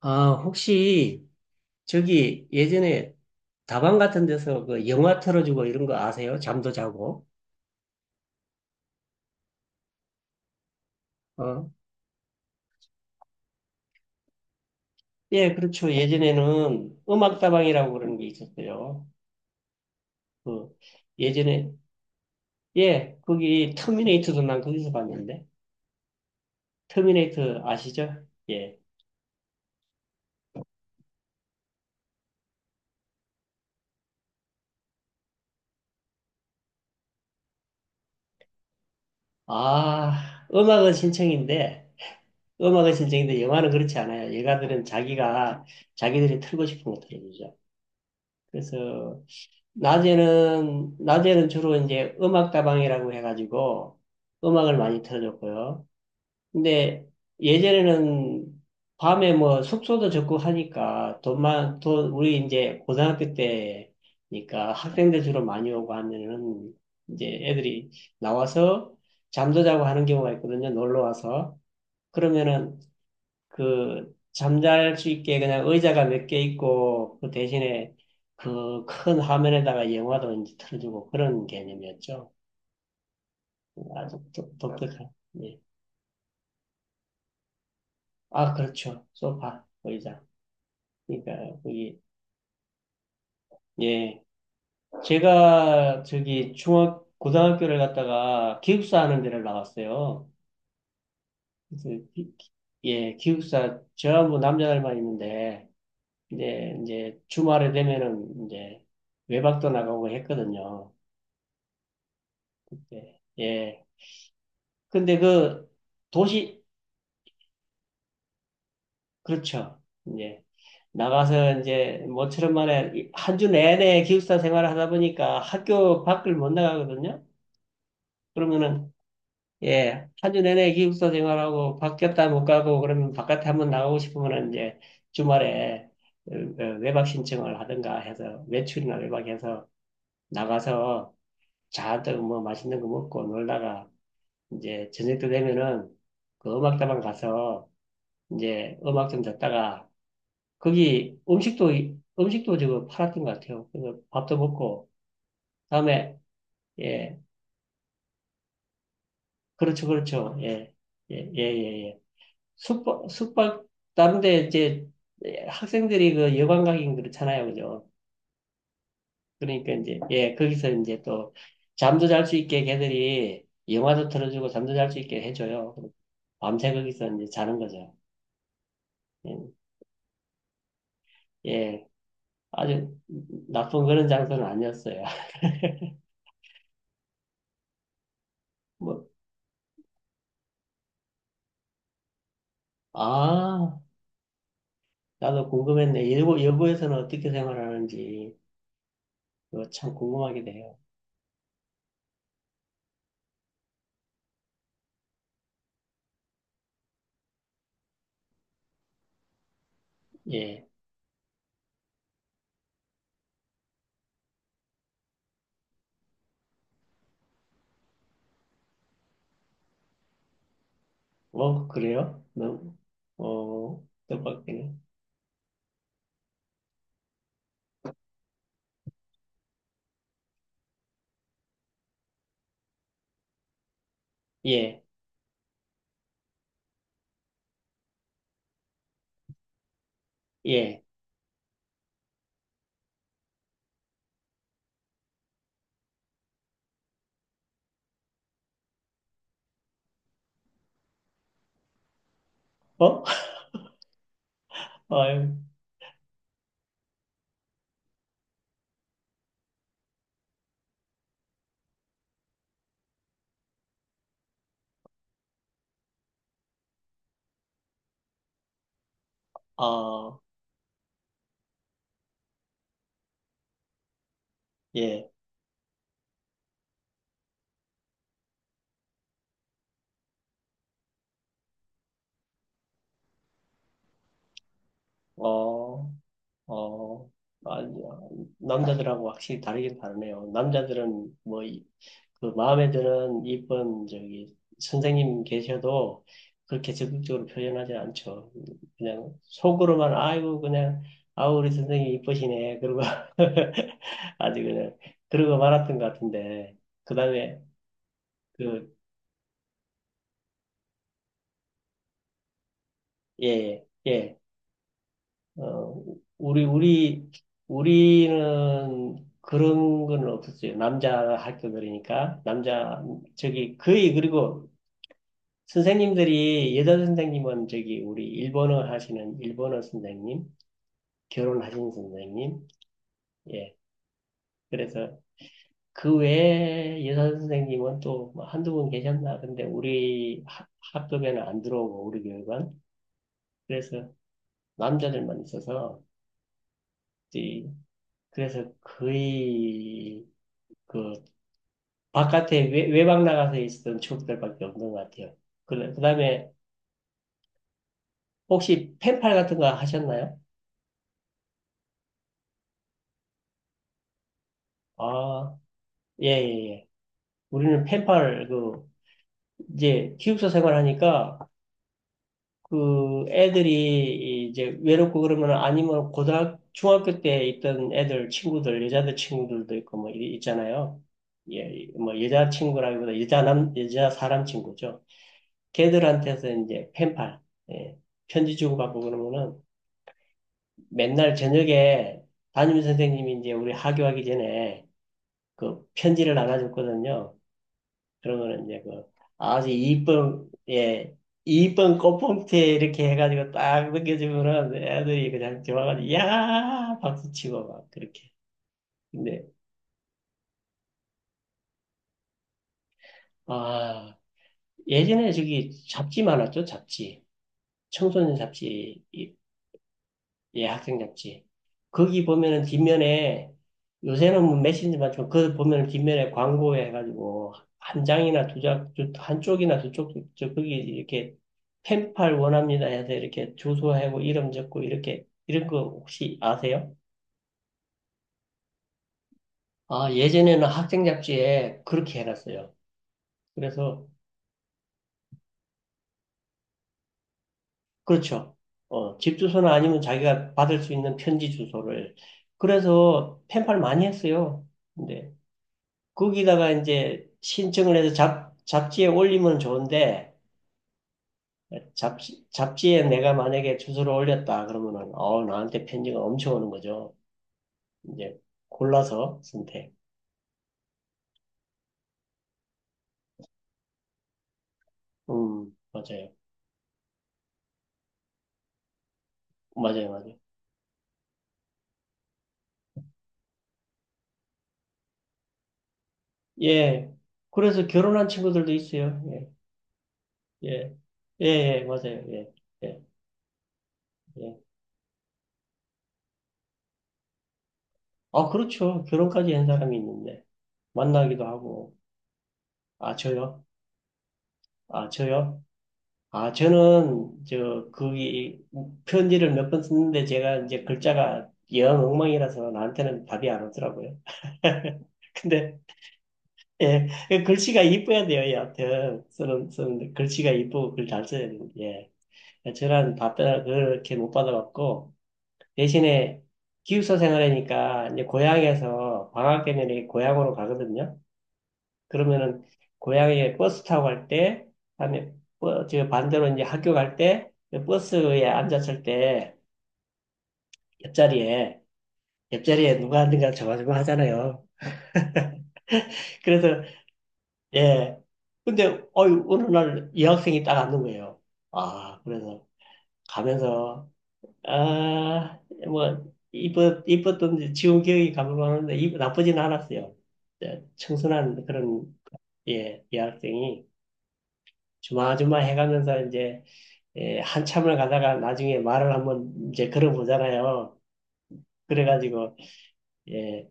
아, 혹시 저기 예전에 다방 같은 데서 그 영화 틀어주고 이런 거 아세요? 잠도 자고. 어? 예, 그렇죠. 예전에는 음악다방이라고 그러는 게 있었어요. 그 예전에 예, 거기 터미네이터도 난 거기서 봤는데. 터미네이터 아시죠? 예. 아, 음악은 신청인데 영화는 그렇지 않아요. 영화들은 자기가 자기들이 틀고 싶은 거 틀어주죠. 그래서 낮에는 주로 이제 음악다방이라고 해가지고 음악을 많이 틀어줬고요. 근데 예전에는 밤에 뭐 숙소도 적고 하니까 우리 이제 고등학교 때니까 학생들 주로 많이 오고 하면은 이제 애들이 나와서 잠도 자고 하는 경우가 있거든요. 놀러 와서. 그러면은 그 잠잘 수 있게 그냥 의자가 몇 개 있고 그 대신에 그 큰 화면에다가 영화도 이제 틀어주고 그런 개념이었죠. 아주 아, 독특한. 예. 아, 그렇죠. 소파, 의자. 그러니까 거기 예. 제가 저기 중학 고등학교를 갔다가 기숙사 하는 데를 나왔어요. 그래서 기- 기- 예, 기숙사 저하고 남자들만 있는데 이제 주말에 되면은 이제 외박도 나가고 했거든요. 예. 예. 근데 그 도시, 그렇죠. 이제 나가서 이제 모처럼 만에 한 주 내내 기숙사 생활을 하다 보니까 학교 밖을 못 나가거든요. 그러면은 예, 한 주 내내 기숙사 생활하고 밖에 없다 못 가고 그러면 바깥에 한번 나가고 싶으면은 이제 주말에 어, 외박 신청을 하든가 해서 외출이나 외박해서 나가서 잔뜩 뭐 맛있는 거 먹고 놀다가 이제 저녁 때 되면은 그 음악다방 가서 이제 음악 좀 듣다가 거기 음식도 지금 팔았던 것 같아요. 그래서 밥도 먹고 다음에. 예, 그렇죠, 그렇죠, 예, 예예예 숙박 다른데 이제 예, 학생들이 그 여관가긴 그렇잖아요, 그죠? 그러니까 이제 예 거기서 이제 또 잠도 잘 수 있게 걔들이 영화도 틀어주고 잠도 잘 수 있게 해줘요. 밤새 거기서 이제 자는 거죠. 예, 예, 아주 나쁜 그런 장소는 아니었어요. 뭐 아. 나도 궁금했네. 일부, 여부에서는 어떻게 생활하는지, 그거 참 궁금하게 돼요. 예. 뭐, 그래요? 너무, 뜻밖이네. 예, 예. 어? 아유, 아, 예. 어, 어, 아니, 남자들하고 확실히 다르긴 다르네요. 남자들은 뭐, 그 마음에 드는 이쁜 저기 선생님 계셔도 그렇게 적극적으로 표현하지 않죠. 그냥 속으로만 아이고 그냥 아우 우리 선생님 이쁘시네 그러고 아주 그냥 그러고 말았던 것 같은데 그다음에. 그예예어 우리 우리 우리는 그런 건 없었어요. 남자 학교 들이니까 남자 저기 거의. 그리고 선생님들이 여자 선생님은 저기 우리 일본어 하시는 일본어 선생님, 결혼하신 선생님, 예. 그래서 그 외에 여자 선생님은 또 뭐 한두 분 계셨나? 근데 우리 학급에는 안 들어오고 우리 교육은 그래서 남자들만 있어서 이- 그래서 거의 그 바깥에 외박 나가서 있었던 추억들밖에 없는 것 같아요. 그래, 그다음에 혹시 펜팔 같은 거 하셨나요? 아, 예, 예, 예. 우리는 페팔 그 이제 기숙사 생활하니까 그 애들이 이제 외롭고 그러면 아니면 고등학 중학교 때 있던 애들 친구들 여자들 친구들도 있고 뭐 있잖아요. 예, 뭐 여자 친구라기보다 여자 사람 친구죠. 걔들한테서 이제 펜팔 예, 편지 주고받고 그러면은 맨날 저녁에 담임 선생님이 이제 우리 하교하기 전에 그 편지를 나눠줬거든요. 그러면 이제 그 아주 이쁜 예 이쁜 꽃봉투에 이렇게 해가지고 딱 넘겨주면은 애들이 그냥 좋아가지고 야 박수치고 막 그렇게. 근데 아, 예전에 저기 잡지 많았죠, 잡지. 청소년 잡지. 예, 학생 잡지. 거기 보면은 뒷면에, 요새는 뭐 메신저만 좀, 그 보면은 뒷면에 광고에 해가지고 한 장이나 두 장, 한쪽이나 두 쪽, 저 거기 이렇게 펜팔 원합니다 해서 이렇게 주소하고 이름 적고 이렇게, 이런 거 혹시 아세요? 아, 예전에는 학생 잡지에 그렇게 해놨어요. 그래서 그렇죠. 어, 집 주소나 아니면 자기가 받을 수 있는 편지 주소를. 그래서 펜팔 많이 했어요. 근데 거기다가 이제 신청을 해서 잡지에 올리면 좋은데, 잡지에 내가 만약에 주소를 올렸다 그러면은, 나한테 편지가 엄청 오는 거죠. 이제 골라서 선택. 맞아요. 맞아요, 맞아요. 예. 그래서 결혼한 친구들도 있어요. 예, 예, 예, 예, 맞아요. 예, 예, 예. 아, 그렇죠. 결혼까지 한 사람이 있는데, 만나기도 하고. 아, 저요? 아, 저요? 아, 저는, 거기, 편지를 몇 번 썼는데 제가 이제 글자가 영 엉망이라서 나한테는 답이 안 오더라고요. 근데, 예, 그 글씨가 이뻐야 돼요, 여하튼. 쓰는데, 글씨가 이쁘고 글 잘 써야 되는데, 예. 저는 답변을 그렇게 못 받아봤고, 대신에 기숙사 생활이니까, 이제 고향에서 방학 되면 고향으로 가거든요. 그러면은 고향에 버스 타고 갈 때, 그다음에, 저 반대로 이제 학교 갈 때, 그 버스에 앉았을 때 옆자리에 옆자리에 누가 앉는가 저가지고 하잖아요. 그래서 예. 근데 어유 어느 날 여학생이 딱 앉는 거예요. 아 그래서 가면서 아 뭐, 이뻤던 지운 기억이 가물가물한데 나쁘진 않았어요. 예, 청순한 그런 예 여학생이 주마주마 해가면서 이제, 예, 한참을 가다가 나중에 말을 한번 이제 걸어보잖아요. 그래가지고, 예,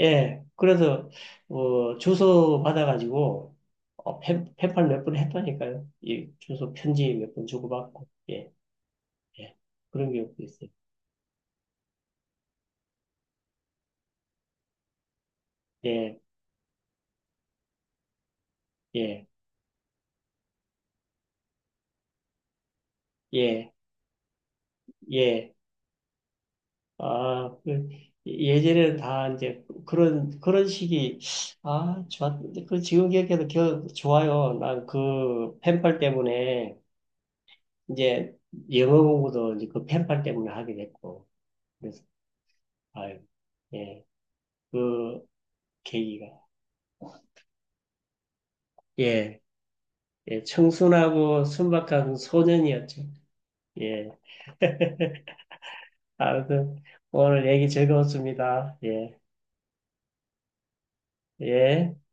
예. 그래서, 주소 받아가지고, 펜팔 몇 번 했다니까요. 이 주소 편지 몇 번 주고받고, 예, 예. 그런 기억도 있어요. 예, 예, 예, 예. 아, 그, 예전에는 다 이제 그런, 그런 식이, 아, 좋았, 그 지금 기억해도 좋아요. 난 그 펜팔 때문에 이제 영어 공부도 이제 그 펜팔 때문에 하게 됐고, 그래서, 아유, 예, 그 계기가, 예, 예, 청순하고 순박한 소년이었죠. 예. 아무튼, 오늘 얘기 즐거웠습니다. 예, 예.